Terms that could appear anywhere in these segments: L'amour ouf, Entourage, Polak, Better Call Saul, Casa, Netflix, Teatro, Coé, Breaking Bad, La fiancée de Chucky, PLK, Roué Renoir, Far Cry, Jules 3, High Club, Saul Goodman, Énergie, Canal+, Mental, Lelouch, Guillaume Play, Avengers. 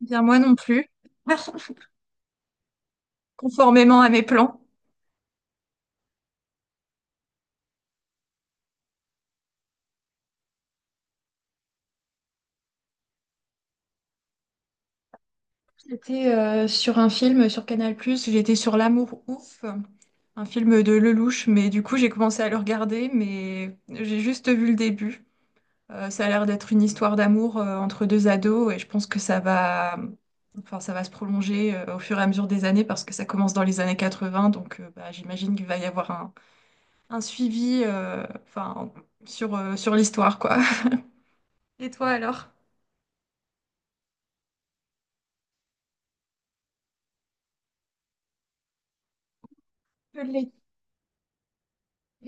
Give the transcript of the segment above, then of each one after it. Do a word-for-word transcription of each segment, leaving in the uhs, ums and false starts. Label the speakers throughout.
Speaker 1: Bien, moi non plus, conformément à mes plans. J'étais euh, sur un film sur Canal+, j'étais sur L'amour ouf, un film de Lelouch, mais du coup j'ai commencé à le regarder, mais j'ai juste vu le début. Euh, ça a l'air d'être une histoire d'amour euh, entre deux ados et je pense que ça va, enfin, ça va se prolonger euh, au fur et à mesure des années parce que ça commence dans les années quatre-vingt, donc euh, bah, j'imagine qu'il va y avoir un, un suivi euh, enfin, sur, euh, sur l'histoire, quoi. Et toi alors? Je l'ai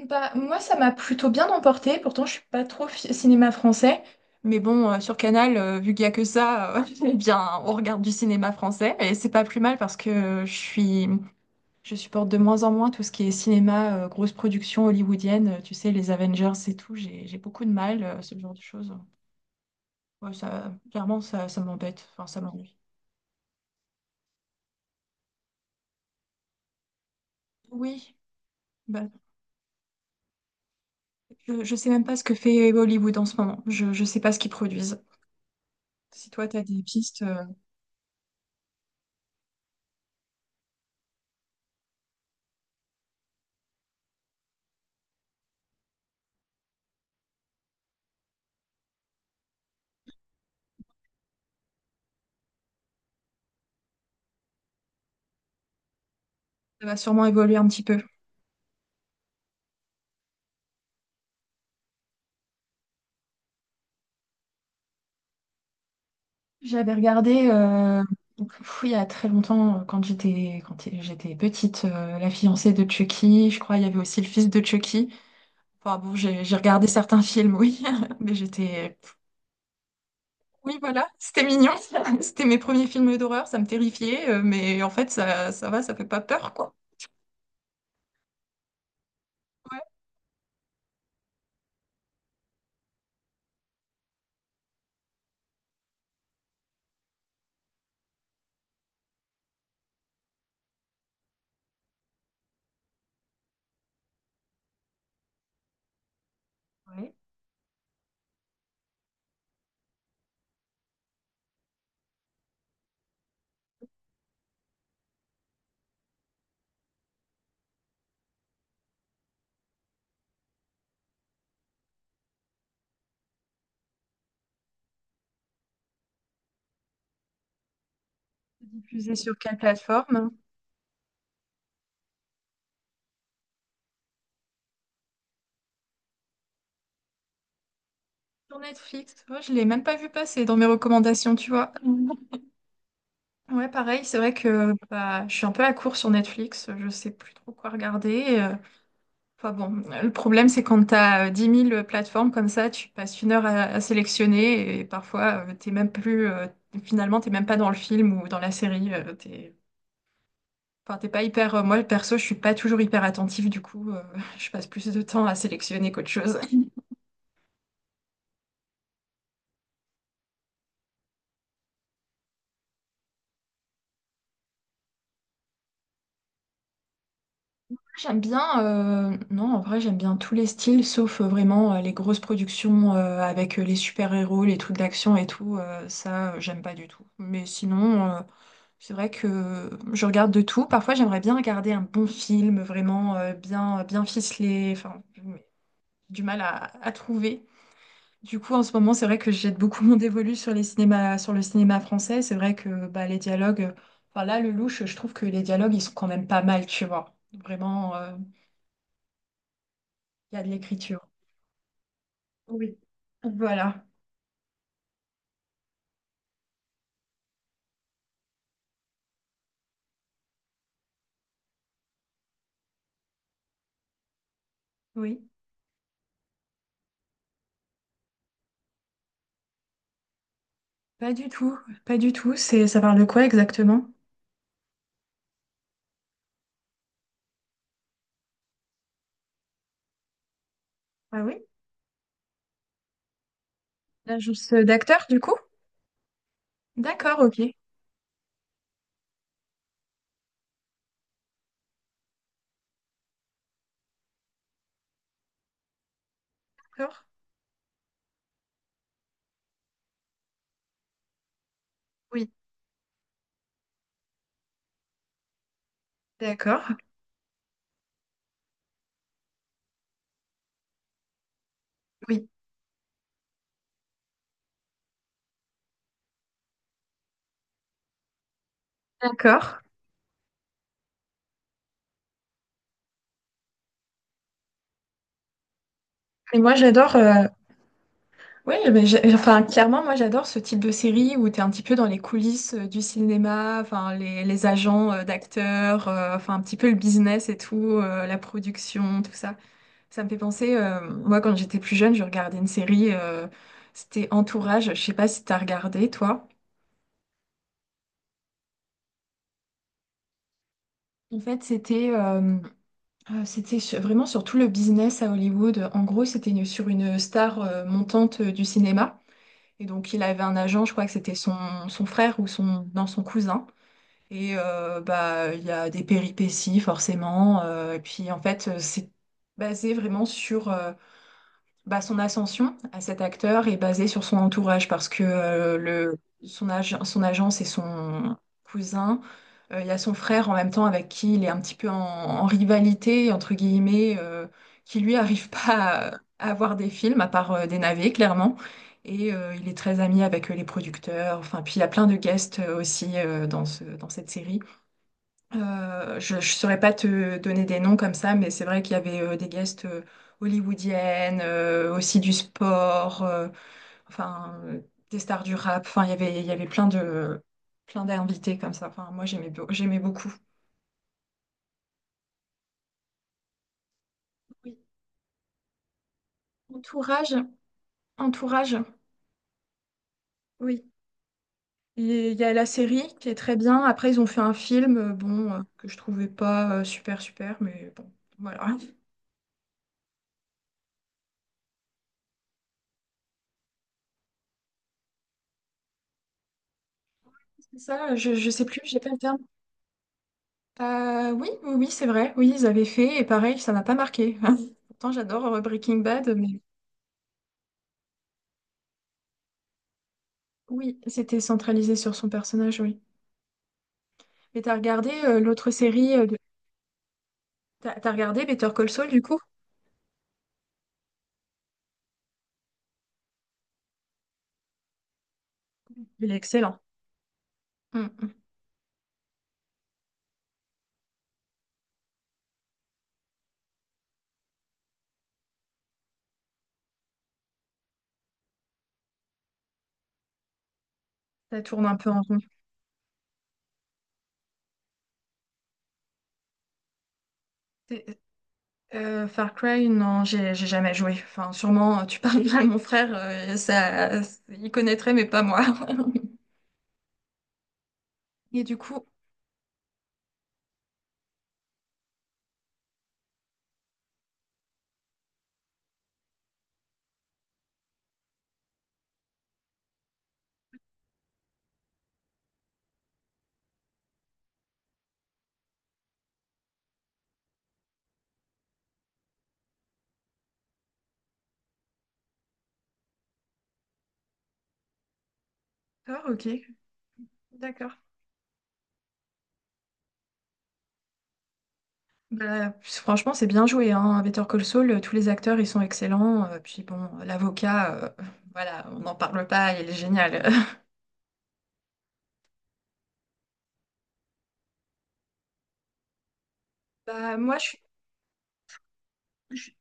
Speaker 1: Bah, moi, ça m'a plutôt bien emporté. Pourtant, je suis pas trop fi- cinéma français. Mais bon, euh, sur Canal, euh, vu qu'il y a que ça, euh, eh bien, on regarde du cinéma français. Et c'est pas plus mal parce que euh, je suis, je supporte de moins en moins tout ce qui est cinéma, euh, grosse production hollywoodienne. euh, Tu sais, les Avengers et tout. J'ai, j'ai beaucoup de mal, euh, ce genre de choses. Ouais, ça, clairement, ça, ça m'embête. Enfin, ça m'ennuie. Oui, bah, je, je sais même pas ce que fait Hollywood en ce moment. Je, je sais pas ce qu'ils produisent. Si toi, t'as des pistes, euh, ça va sûrement évoluer un petit peu. J'avais regardé, euh, donc, pff, il y a très longtemps, euh, quand j'étais quand j'étais petite, euh, La fiancée de Chucky. Je crois il y avait aussi le fils de Chucky. Enfin bon, j'ai j'ai regardé certains films, oui, mais j'étais... Oui, voilà, c'était mignon. C'était mes premiers films d'horreur, ça me terrifiait, euh, mais en fait, ça, ça va, ça fait pas peur, quoi. Ouais. Ouais. Diffusé sur quelle plateforme? Sur Netflix. Ouais, je l'ai même pas vu passer dans mes recommandations, tu vois. Ouais, pareil, c'est vrai que bah, je suis un peu à court sur Netflix, je sais plus trop quoi regarder. Euh. Enfin bon, le problème c'est quand t'as as dix mille plateformes comme ça, tu passes une heure à, à sélectionner et parfois euh, t'es même plus, euh, finalement t'es même pas dans le film ou dans la série. euh, t'es, enfin, t'es pas hyper, euh, moi perso je suis pas toujours hyper attentive du coup, euh, je passe plus de temps à sélectionner qu'autre chose. J'aime bien, euh, non, en vrai, j'aime bien tous les styles, sauf euh, vraiment euh, les grosses productions euh, avec euh, les super-héros, les trucs d'action et tout. euh, ça, euh, j'aime pas du tout. Mais sinon, euh, c'est vrai que je regarde de tout. Parfois, j'aimerais bien regarder un bon film, vraiment euh, bien, bien ficelé. Enfin, mais du mal à, à trouver. Du coup, en ce moment, c'est vrai que jette beaucoup mon dévolu sur les cinémas, sur le cinéma français. C'est vrai que bah, les dialogues, enfin là, le louche, je trouve que les dialogues, ils sont quand même pas mal, tu vois. Vraiment. Euh, il y a de l'écriture. Oui. Voilà. Oui. Pas du tout. Pas du tout. C'est, ça parle de quoi exactement? Ah oui? L'agence d'acteurs, du coup? D'accord, ok. D'accord. Oui. D'accord. Oui. D'accord. Et moi, j'adore. Euh, Oui, mais j'ai- enfin, clairement, moi, j'adore ce type de série où tu es un petit peu dans les coulisses euh, du cinéma, enfin, les, les agents euh, d'acteurs, euh, enfin, un petit peu le business et tout, euh, la production, tout ça. Ça me fait penser, euh, moi quand j'étais plus jeune, je regardais une série, euh, c'était Entourage, je sais pas si t'as regardé toi. En fait, c'était euh, euh, c'était sur- vraiment sur tout le business à Hollywood. En gros, c'était une- sur une star euh, montante euh, du cinéma. Et donc, il avait un agent, je crois que c'était son, son frère ou son, non, son cousin. Et euh, bah, il y a des péripéties, forcément. euh, et puis, en fait, euh, c'est basé vraiment sur. Euh, Bah, son ascension à cet acteur est basée sur son entourage parce que euh, le, son, ag- son agent, c'est son cousin. Euh, Il y a son frère en même temps avec qui il est un petit peu en, en rivalité, entre guillemets, euh, qui lui arrive pas à, à voir des films, à part euh, des navets, clairement. Et euh, il est très ami avec euh, les producteurs. Enfin, puis il y a plein de guests euh, aussi euh, dans ce- dans cette série. Euh, je ne saurais pas te donner des noms comme ça, mais c'est vrai qu'il y avait euh, des guests euh, hollywoodiennes, euh, aussi du sport, euh, enfin euh, des stars du rap. Enfin, il y avait, il y avait plein de, plein d'invités comme ça. Enfin, moi, j'aimais, beau- j'aimais beaucoup. Oui. Entourage, entourage. Oui. Et Il y a la série qui est très bien. Après, ils ont fait un film, euh, bon, euh, que je trouvais pas euh, super super, mais bon, voilà. C'est ça. Je, je sais plus. J'ai pas le terme. Euh, oui, oui, oui, c'est vrai. Oui, ils avaient fait, et pareil, ça m'a pas marqué. Pourtant, j'adore euh, Breaking Bad, mais oui, c'était centralisé sur son personnage, oui. Mais t'as regardé euh, l'autre série euh, de... T'as t'as regardé Better Call Saul, du coup? Il est excellent. Mm, mm. Ça tourne un peu en rond. C'est- euh, Far Cry, non, j'ai j'ai jamais joué. Enfin, sûrement, euh, tu parles à mon frère, euh, ça, il connaîtrait, mais pas moi. Et du coup... Ah, ok. D'accord. Bah, puis franchement, c'est bien joué, hein. Better Call Saul, euh, tous les acteurs, ils sont excellents. Euh, Puis bon, l'avocat, euh, voilà, on n'en parle pas, il est génial. Bah, moi, je suis, je suis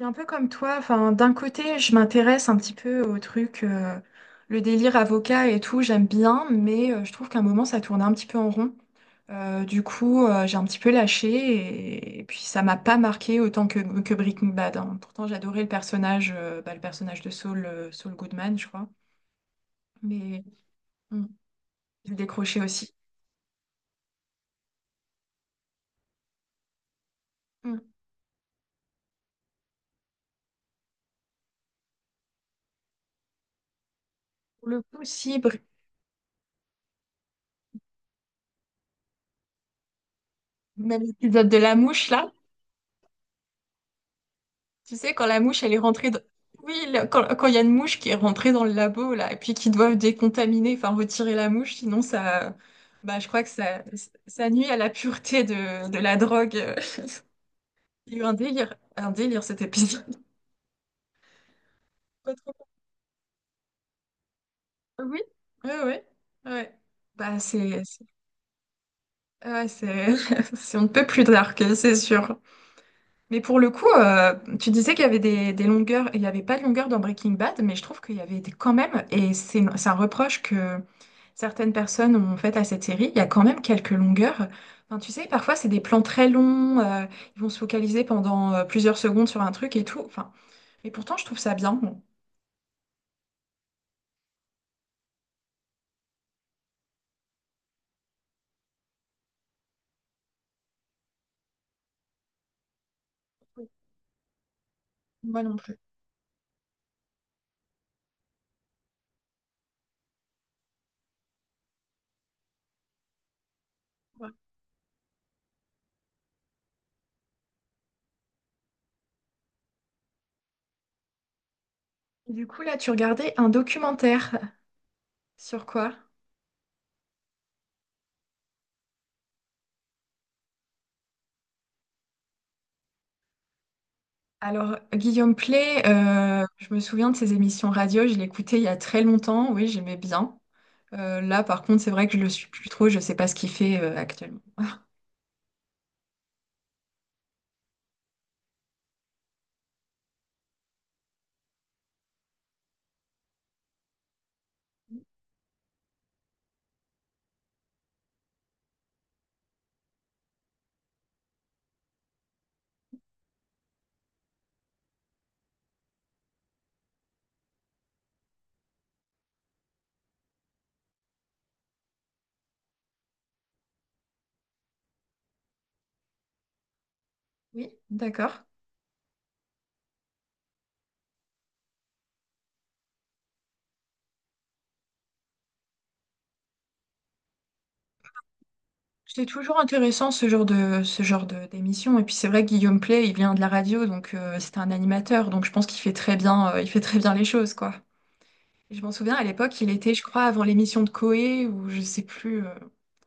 Speaker 1: un peu comme toi. Enfin, d'un côté, je m'intéresse un petit peu au truc, euh, le délire avocat et tout, j'aime bien, mais euh, je trouve qu'à un moment, ça tournait un petit peu en rond. Euh, du coup, euh, j'ai un petit peu lâché et, et puis ça m'a pas marqué autant que, que Breaking Bad. Hein. Pourtant, j'adorais le personnage, euh, bah, le personnage de Saul, euh, Saul Goodman, je crois. Mais Mm. Je décrochais aussi. Mm. Pour le coup, si, br- même l'épisode de la mouche, là, tu sais, quand la mouche, elle est rentrée dans... Oui, le- quand, quand il y a une mouche qui est rentrée dans le labo, là, et puis qui doivent décontaminer, enfin, retirer la mouche, sinon ça... Bah, je crois que ça, ça nuit à la pureté de, de la drogue. Il y a eu un délire, un délire cet épisode. Pas trop- Oui, oui, oui. Ouais. Bah, c'est... c'est- ouais, c'est... c'est- on ne peut plus dark, c'est sûr. Mais pour le coup, euh, tu disais qu'il y avait des, des longueurs, il n'y avait pas de longueur dans Breaking Bad, mais je trouve qu'il y avait des- quand même, et c'est c'est un reproche que certaines personnes ont fait à cette série, il y a quand même quelques longueurs. Enfin, tu sais, parfois c'est des plans très longs, euh, ils vont se focaliser pendant euh, plusieurs secondes sur un truc et tout. Enfin, mais pourtant, je trouve ça bien. Bon, Moi non plus. Ouais. Et Du coup, là, tu regardais un documentaire sur quoi? Alors, Guillaume Play, euh, je me souviens de ses émissions radio, je l'écoutais il y a très longtemps, oui, j'aimais bien. Euh, là, par contre, c'est vrai que je le suis plus trop, je sais pas ce qu'il fait euh, actuellement. Oui, d'accord. C'est toujours intéressant ce genre de ce genre de d'émission. Et puis c'est vrai que Guillaume Play, il vient de la radio, donc euh, c'est un animateur, donc je pense qu'il fait très bien, euh, il fait très bien les choses, quoi. Et je m'en souviens à l'époque, il était, je crois, avant l'émission de Coé, ou je sais plus, euh,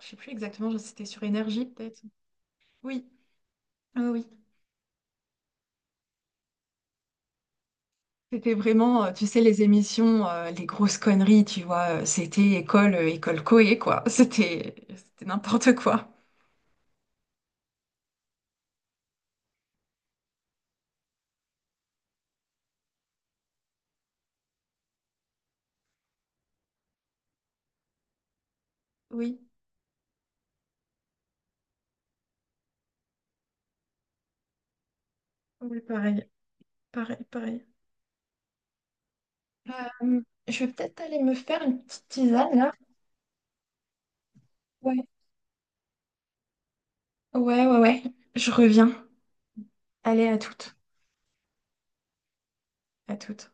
Speaker 1: je sais plus exactement, je- c'était sur Énergie peut-être. Oui, oui, oui. C'était vraiment, euh, tu sais, les émissions, euh, les grosses conneries, tu vois. Euh, C'était école, euh, école Coé, quoi. C'était, c'était n'importe quoi. Oui, oui, pareil, pareil, pareil. Euh, je vais peut-être aller me faire une petite tisane là. Ouais, ouais, ouais, ouais. Je reviens. Allez, à toutes. À toutes.